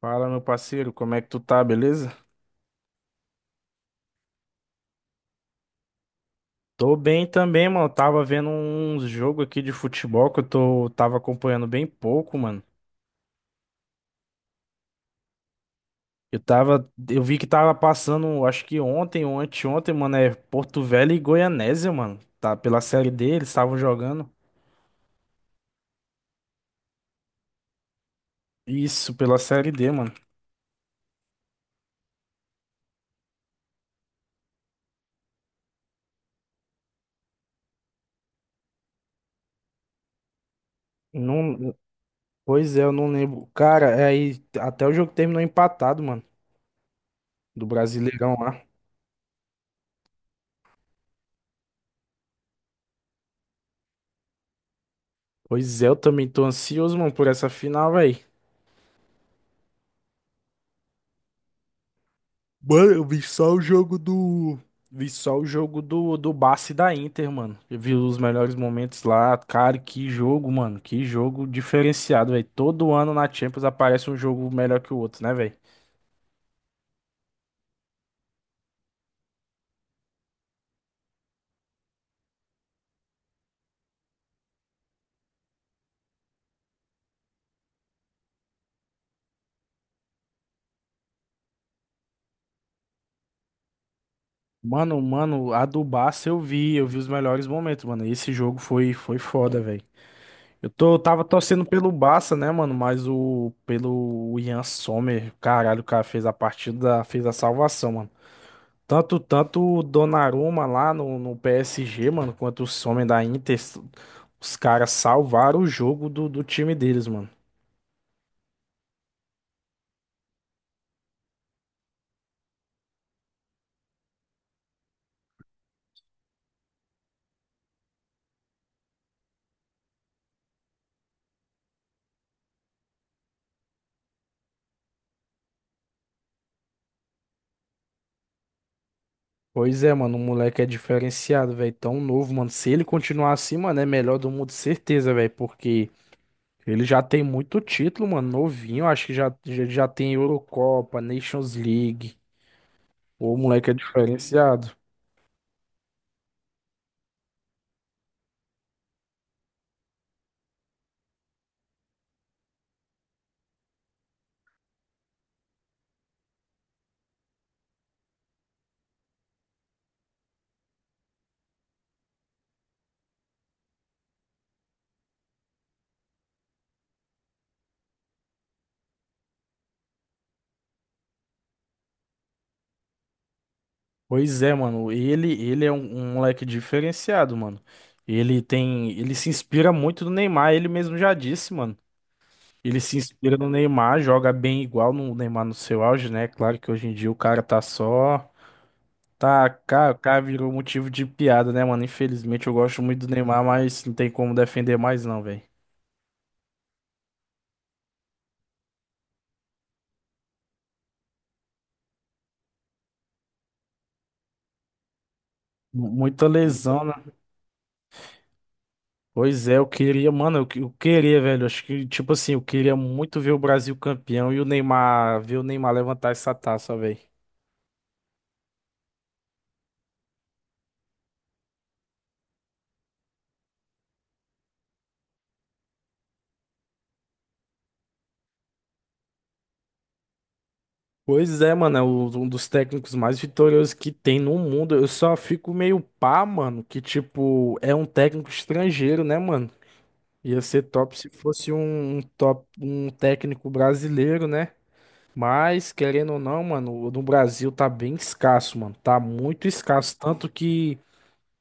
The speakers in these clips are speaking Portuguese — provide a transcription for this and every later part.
Fala, meu parceiro, como é que tu tá, beleza? Tô bem também, mano. Tava vendo uns jogos aqui de futebol que tava acompanhando bem pouco, mano. Eu vi que tava passando, acho que ontem ou anteontem, mano, é Porto Velho e Goianésia, mano. Tá pela Série D, eles estavam jogando. Isso, pela Série D, mano. Não, pois é, eu não lembro. Cara, é aí até o jogo terminou empatado, mano, do Brasileirão lá. Pois é, eu também tô ansioso, mano, por essa final, velho. Mano, eu vi só o jogo do. Vi só o jogo do Barça e da Inter, mano. Eu vi os melhores momentos lá. Cara, que jogo, mano. Que jogo diferenciado, velho. Todo ano na Champions aparece um jogo melhor que o outro, né, velho? Mano, mano, a do Barça eu vi. Eu vi os melhores momentos, mano. Esse jogo foi foda, velho. Eu tava torcendo pelo Barça, né, mano? Mas o. Pelo Ian Sommer, caralho, o cara fez a partida, fez a salvação, mano. Tanto, tanto o Donnarumma lá no PSG, mano, quanto o homens da Inter, os caras salvaram o jogo do time deles, mano. Pois é, mano, o moleque é diferenciado, velho, tão novo, mano. Se ele continuar assim, mano, é melhor do mundo, certeza, velho, porque ele já tem muito título, mano, novinho, acho que já tem Eurocopa, Nations League. O moleque é diferenciado. Pois é, mano. Ele é um moleque diferenciado, mano. Ele se inspira muito no Neymar, ele mesmo já disse, mano. Ele se inspira no Neymar, joga bem igual no Neymar no seu auge, né? Claro que hoje em dia o cara tá só, tá, cara, o cara virou motivo de piada, né, mano? Infelizmente eu gosto muito do Neymar, mas não tem como defender mais não, velho. Muita lesão, né? Pois é, eu queria, mano, eu queria, velho. Acho que, tipo assim, eu queria muito ver o Brasil campeão e o Neymar, ver o Neymar levantar essa taça, velho. Pois é, mano, é o- um dos técnicos mais vitoriosos que tem no mundo. Eu só fico meio pá, mano, que tipo, é um técnico estrangeiro, né, mano? Ia ser top se fosse um, um top, um técnico brasileiro, né? Mas, querendo ou não, mano, o do Brasil tá bem escasso, mano. Tá muito escasso. Tanto que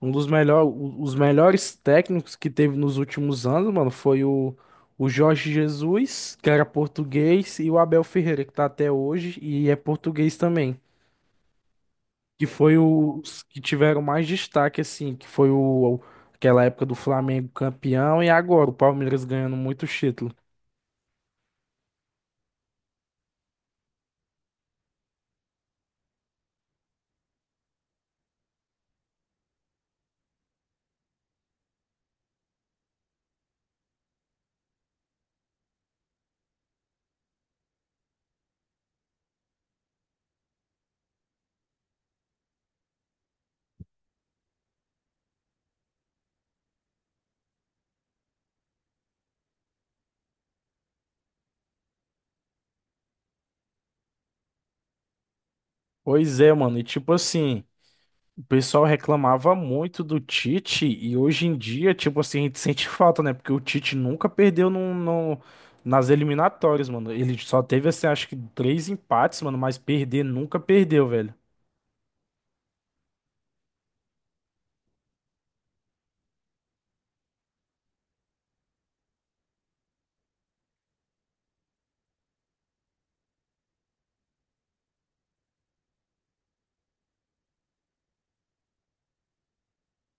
um dos melhor, os melhores técnicos que teve nos últimos anos, mano, foi o, Jorge Jesus, que era português, e o Abel Ferreira, que tá até hoje e é português também, que foi os que tiveram mais destaque, assim, que foi o, aquela época do Flamengo campeão e agora o Palmeiras ganhando muito título. Pois é, mano, e tipo assim, o pessoal reclamava muito do Tite e hoje em dia, tipo assim, a gente sente falta, né? Porque o Tite nunca perdeu nas eliminatórias, mano. Ele só teve, assim, acho que três empates, mano, mas perder nunca perdeu, velho.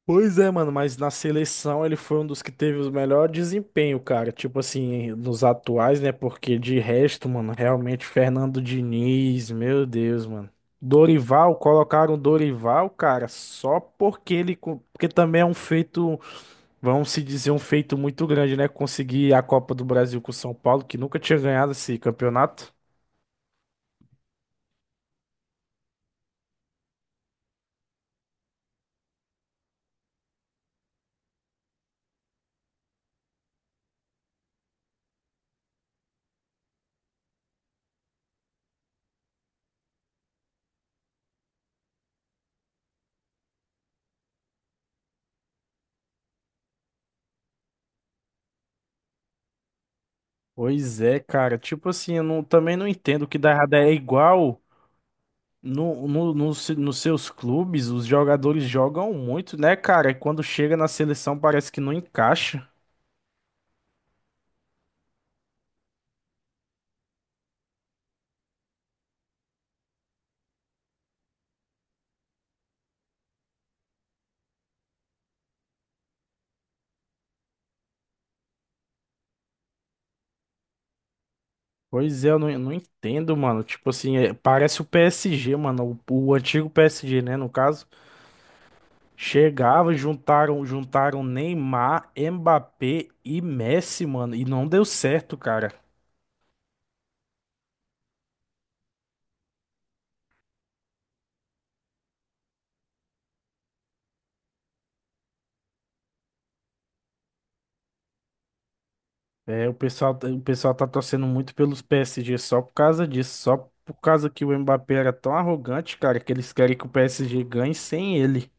Pois é, mano, mas na seleção ele foi um dos que teve o melhor desempenho, cara. Tipo assim, nos atuais, né? Porque de resto, mano, realmente Fernando Diniz, meu Deus, mano. Dorival, colocaram o Dorival, cara, só porque ele. Porque também é um feito, vamos se dizer, um feito muito grande, né? Conseguir a Copa do Brasil com o São Paulo, que nunca tinha ganhado esse campeonato. Pois é, cara. Tipo assim, eu não- também não entendo o que dá errado. É igual. No, nos seus clubes, os jogadores jogam muito, né, cara? E quando chega na seleção parece que não encaixa. Pois é, eu não entendo, mano. Tipo assim, é, parece o PSG, mano. O antigo PSG, né, no caso. Chegava, juntaram Neymar, Mbappé e Messi, mano. E não deu certo, cara. É, o pessoal tá torcendo muito pelos PSG só por causa disso. Só por causa que o Mbappé era tão arrogante, cara, que eles querem que o PSG ganhe sem ele.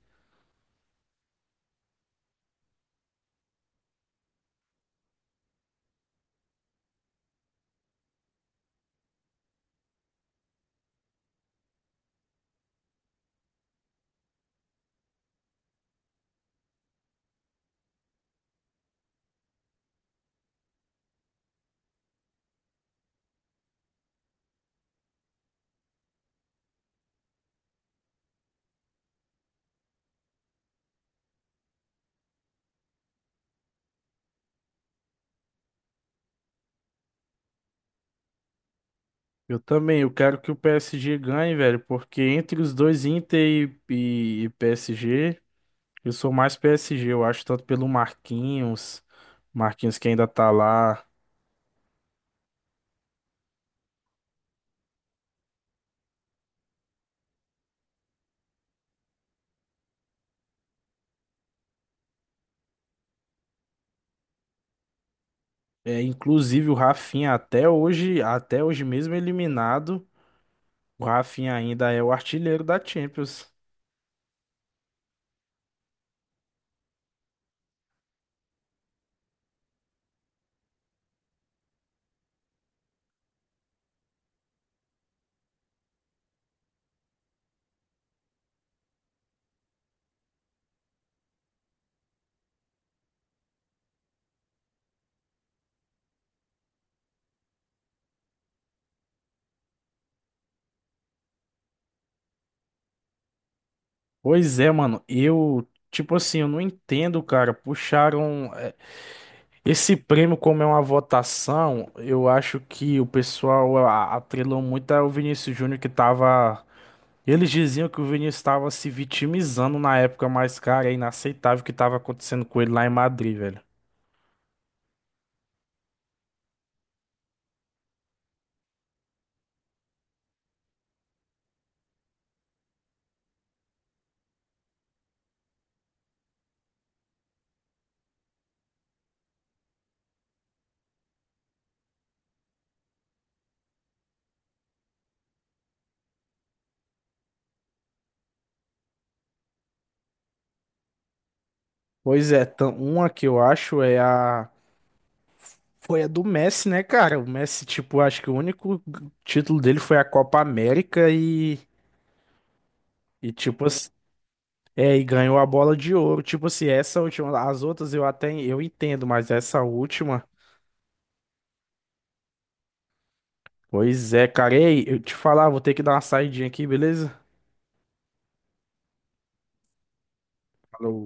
Eu também, eu quero que o PSG ganhe, velho, porque entre os dois Inter e, e PSG, eu sou mais PSG, eu acho, tanto pelo Marquinhos, Marquinhos que ainda tá lá, é, inclusive o Rafinha até hoje mesmo eliminado, o Rafinha ainda é o artilheiro da Champions. Pois é, mano, eu, tipo assim, eu não entendo, cara, puxaram. É, esse prêmio, como é uma votação, eu acho que o pessoal atrelou muito ao Vinícius Júnior que tava. Eles diziam que o Vinícius estava se vitimizando na época, mas, cara, é inaceitável o que estava acontecendo com ele lá em Madrid, velho. Pois é, uma que eu acho é a. Foi a do Messi, né, cara? O Messi, tipo, acho que o único título dele foi a Copa América e. E, tipo, assim, é, e ganhou a bola de ouro. Tipo assim, essa última. As outras eu até eu entendo, mas essa última. Pois é, cara. Ei, eu te falar, vou ter que dar uma saidinha aqui, beleza? Falou.